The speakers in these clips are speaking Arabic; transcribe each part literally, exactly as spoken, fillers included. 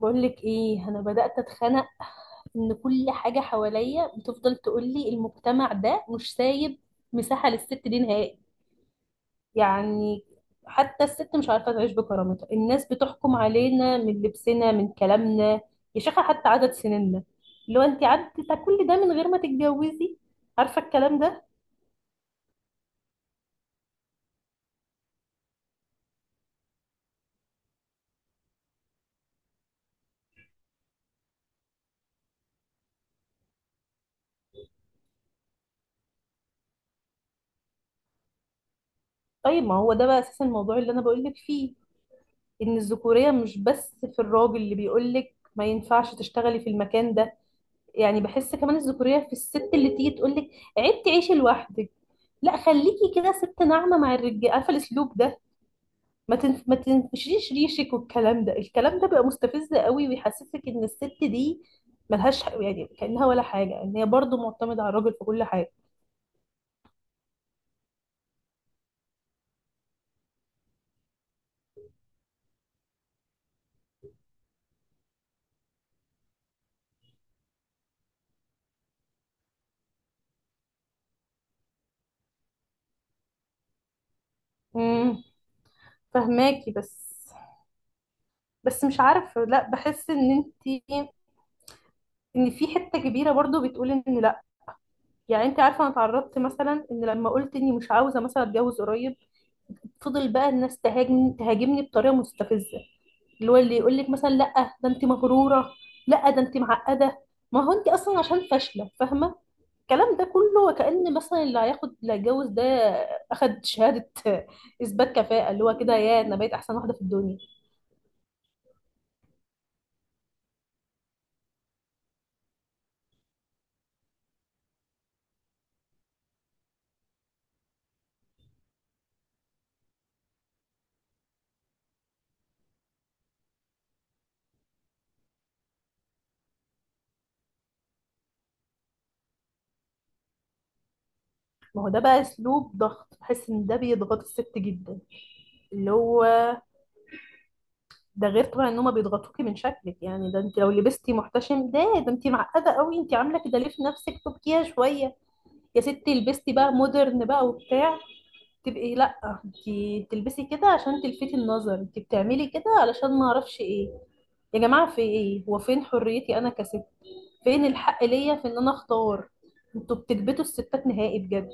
بقول لك ايه، انا بدأت اتخنق. ان كل حاجة حواليا بتفضل تقول لي المجتمع ده مش سايب مساحة للست دي نهائي. يعني حتى الست مش عارفة تعيش بكرامتها. الناس بتحكم علينا من لبسنا، من كلامنا، يا شيخة حتى عدد سنيننا. لو انت عدت كل ده من غير ما تتجوزي، عارفة الكلام ده. طيب ما هو ده بقى اساس الموضوع اللي انا بقول لك فيه. ان الذكورية مش بس في الراجل اللي بيقول لك ما ينفعش تشتغلي في المكان ده. يعني بحس كمان الذكورية في الست اللي تيجي تقول لك عيب تعيشي لوحدك، لا خليكي كده ست ناعمة مع الرجالة، عارفة الأسلوب ده. ما تنف... ما تنفشيش ريشك. والكلام ده، الكلام ده بيبقى مستفز قوي ويحسسك إن الست دي ملهاش ح- يعني كأنها ولا حاجة، إن هي برضه معتمدة على الراجل في كل حاجة. امم، فهماكي، بس بس مش عارفة، لا بحس إن أنت، إن في حتة كبيرة برضه بتقول إن لا. يعني أنت عارفة أنا اتعرضت مثلا، إن لما قلت إني مش عاوزة مثلا أتجوز قريب، فضل بقى الناس تهاجم تهاجمني بطريقه مستفزه. اللي هو اللي يقول لك مثلا، لا ده انت مغروره، لا ده انت معقده، ما هو انت اصلا عشان فاشله، فاهمه الكلام ده كله؟ وكأن مثلا اللي هياخد، اللي هيتجوز ده اخد شهاده اثبات كفاءه، اللي هو كده يا انا بقيت احسن واحده في الدنيا. ما هو ده بقى اسلوب ضغط، بحس ان ده بيضغط الست جدا. اللي هو ده غير طبعا ان هما بيضغطوكي من شكلك، يعني ده انت لو لبستي محتشم، ده ده انت معقده قوي، انت عامله كده ليه في نفسك؟ تبكيها شويه. يا ستي لبستي بقى مودرن بقى وبتاع، تبقي لا انتي بتلبسي كده عشان تلفتي النظر، انتي بتعملي كده علشان ما اعرفش ايه. يا جماعه في ايه؟ هو فين حريتي انا كست؟ فين الحق ليا في ان انا اختار؟ انتوا بتكبتوا الستات نهائي بجد.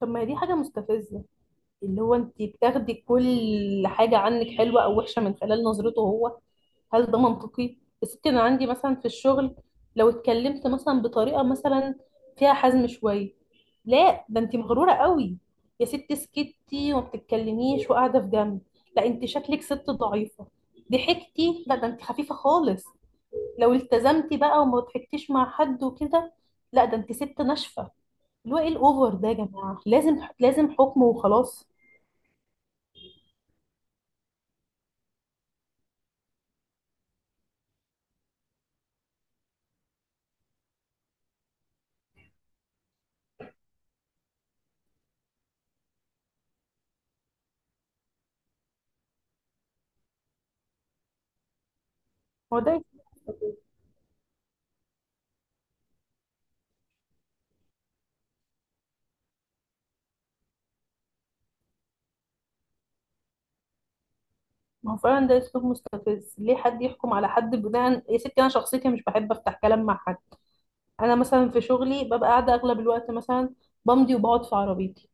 طب ما هي دي حاجه مستفزه، اللي هو انتي بتاخدي كل حاجه عنك، حلوه او وحشه، من خلال نظرته هو. هل ده منطقي؟ يا ستي انا عندي مثلا في الشغل، لو اتكلمت مثلا بطريقه مثلا فيها حزم شويه، لا ده انت مغروره قوي. يا ستي سكتي وما بتتكلميش وقاعده في جنب، لا انت شكلك ست ضعيفه. ضحكتي، لا ده انت خفيفه خالص. لو التزمتي بقى وما ضحكتيش مع حد وكده، لا ده انت ست ناشفه. اللي هو ايه الاوفر ده يا جماعه؟ لازم لازم حكم وخلاص. هو ده. ما هو فعلا ده اسلوب مستفز، ليه حد يحكم على حد بناء؟ يا ستي انا شخصيتي مش بحب افتح كلام مع حد. انا مثلا في شغلي ببقى قاعده اغلب الوقت مثلا بمضي وبقعد في عربيتي،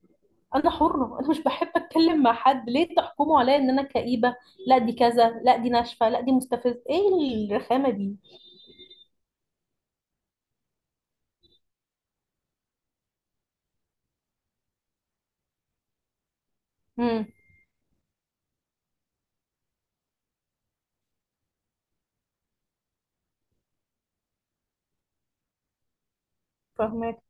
انا حره، انا مش بحب اتكلم مع حد، ليه تحكموا عليا ان انا كئيبه، لا دي كذا، لا دي ناشفه، لا دي مستفز ايه الرخامه دي؟ امم، فاهمك.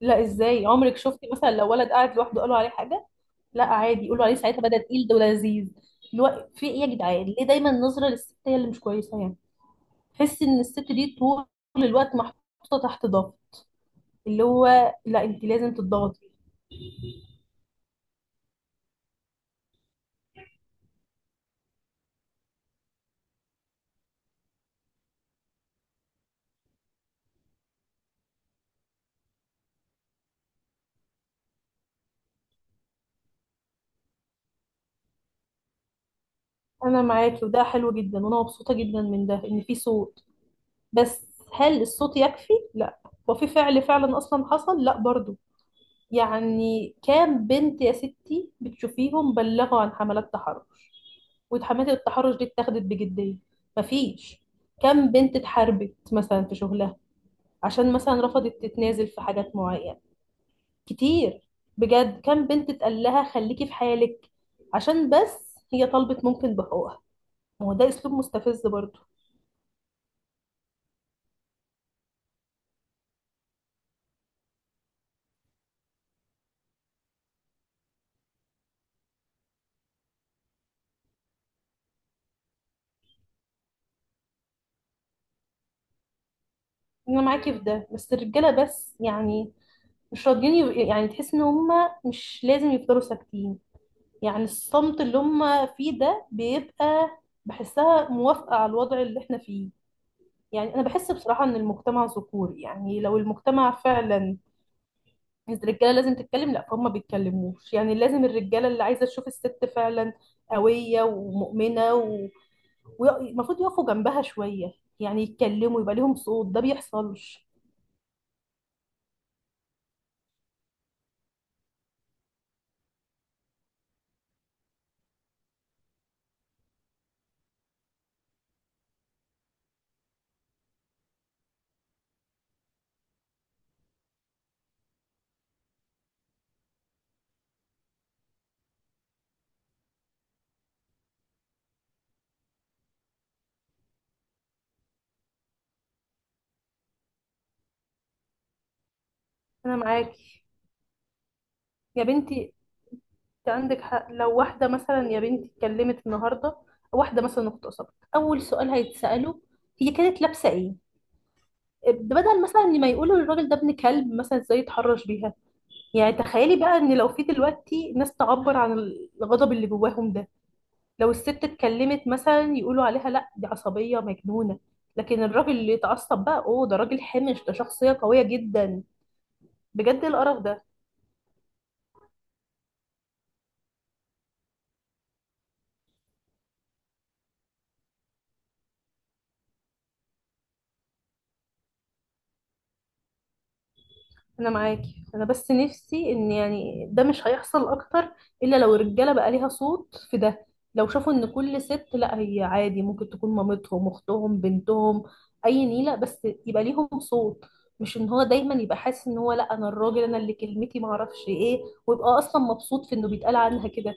لا ازاي؟ عمرك شفتي مثلا لو ولد قاعد لوحده قالوا عليه حاجه؟ لا عادي، يقولوا عليه ساعتها بدأ تقيل، ده لذيذ الوقت، في ايه يا جدعان؟ ليه دايما النظره للست هي اللي مش كويسه؟ يعني تحسي ان الست دي طول الوقت محطوطه تحت ضغط. اللي هو لا انت لازم تضغطي. انا معاكي وده حلو جدا، وانا مبسوطه جدا من ده، ان في صوت. بس هل الصوت يكفي؟ لا. وفي فعل فعلا اصلا حصل؟ لا برضو. يعني كام بنت يا ستي بتشوفيهم بلغوا عن حملات تحرش وحملات التحرش دي اتاخدت بجديه؟ مفيش. كام بنت اتحاربت مثلا في شغلها عشان مثلا رفضت تتنازل في حاجات معينه؟ كتير، بجد. كام بنت اتقال لها خليكي في حالك عشان بس هي طلبت ممكن بحقوقها؟ ما هو ده اسلوب مستفز برضو. انا معاكي في ده، بس الرجاله بس يعني مش راضيين يب- يعني تحس ان هم مش لازم يفضلوا ساكتين. يعني الصمت اللي هم فيه ده بيبقى، بحسها موافقه على الوضع اللي احنا فيه. يعني انا بحس بصراحه ان المجتمع ذكوري، يعني لو المجتمع فعلا، الرجاله لازم تتكلم، لا فهم ما بيتكلموش. يعني لازم الرجاله اللي عايزه تشوف الست فعلا قويه ومؤمنه و- ومفروض يقفوا جنبها شويه، يعني يتكلموا يبقى ليهم صوت، ده بيحصلش. انا معاكي يا بنتي، انت عندك حق. لو واحده مثلا يا بنتي اتكلمت النهارده، واحده مثلا اغتصبت، اول سؤال هيتساله هي كانت لابسه ايه، بدل مثلا ما يقولوا للراجل ده ابن كلب مثلا ازاي يتحرش بيها. يعني تخيلي بقى ان لو في دلوقتي ناس تعبر عن الغضب اللي جواهم ده، لو الست اتكلمت مثلا يقولوا عليها لا دي عصبية مجنونة، لكن الراجل اللي يتعصب بقى اوه ده راجل حمش، ده شخصية قوية جدا. بجد إيه القرف ده؟ انا معاكي، انا بس نفسي ان، يعني ده مش هيحصل اكتر الا لو الرجالة بقى ليها صوت في ده، لو شافوا ان كل ست لا هي عادي ممكن تكون مامتهم، اختهم، بنتهم، اي نيلة، بس يبقى ليهم صوت. مش ان هو دايما يبقى حاسس ان هو لا انا الراجل، انا اللي كلمتي معرفش ايه، ويبقى اصلا مبسوط في انه بيتقال عنها كده.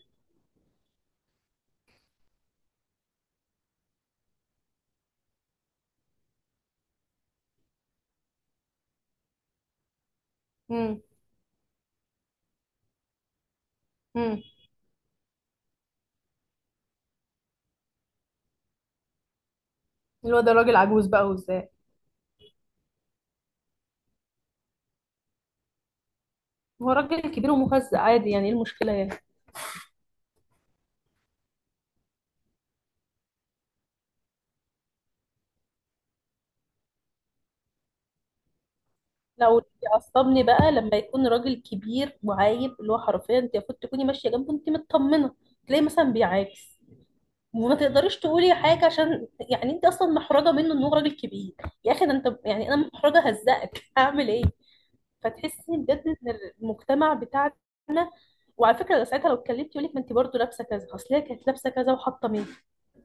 امم. اللي هو ده راجل عجوز بقى، وازاي هو راجل كبير ومهزأ عادي؟ يعني ايه المشكلة يعني؟ لا، واللي بيعصبني بقى لما يكون راجل كبير وعايب، اللي هو حرفيا انت المفروض تكوني ماشية جنبه انت مطمنة، تلاقيه مثلا بيعاكس، وما تقدريش تقولي حاجة عشان يعني انت اصلا محرجة منه ان هو راجل كبير. يا اخي ده انت، يعني انا محرجة هزقك هعمل ايه؟ فتحسي بجد ان المجتمع بتاعنا، وعلى فكره ساعتها لو اتكلمت يقول لك ما انت برضه لابسه كذا، اصل هي كانت لابسه كذا وحاطه مين.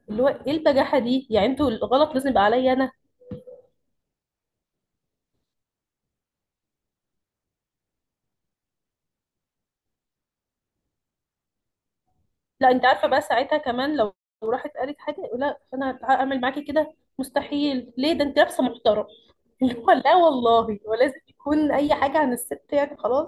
اللي هو ايه البجاحه دي؟ يعني انتوا الغلط لازم يبقى عليا انا. لا انت عارفه بقى ساعتها كمان لو، لو راحت قالت حاجه يقول لا انا هعمل معاكي كده، مستحيل ليه؟ ده انت لابسه محترم. اللي هو لا والله، هو لازم يكون اي حاجه عن الست يعني خلاص.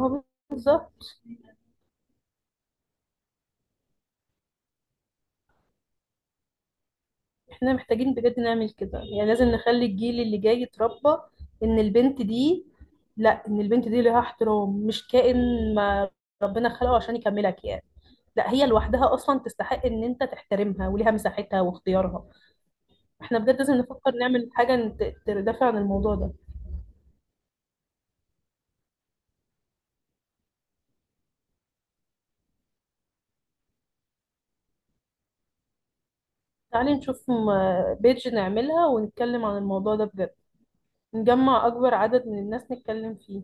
هو بالظبط. احنا محتاجين بجد نعمل كده، يعني لازم نخلي الجيل اللي جاي يتربى ان البنت دي، لا ان البنت دي لها احترام، مش كائن ما ربنا خلقه عشان يكملك يعني، لا هي لوحدها اصلا تستحق ان انت تحترمها وليها مساحتها واختيارها. احنا بجد لازم نفكر نعمل حاجة نت- تدافع عن الموضوع ده. تعالي نشوف م- بيج نعملها ونتكلم عن الموضوع ده بجد، نجمع أكبر عدد من الناس نتكلم فيه.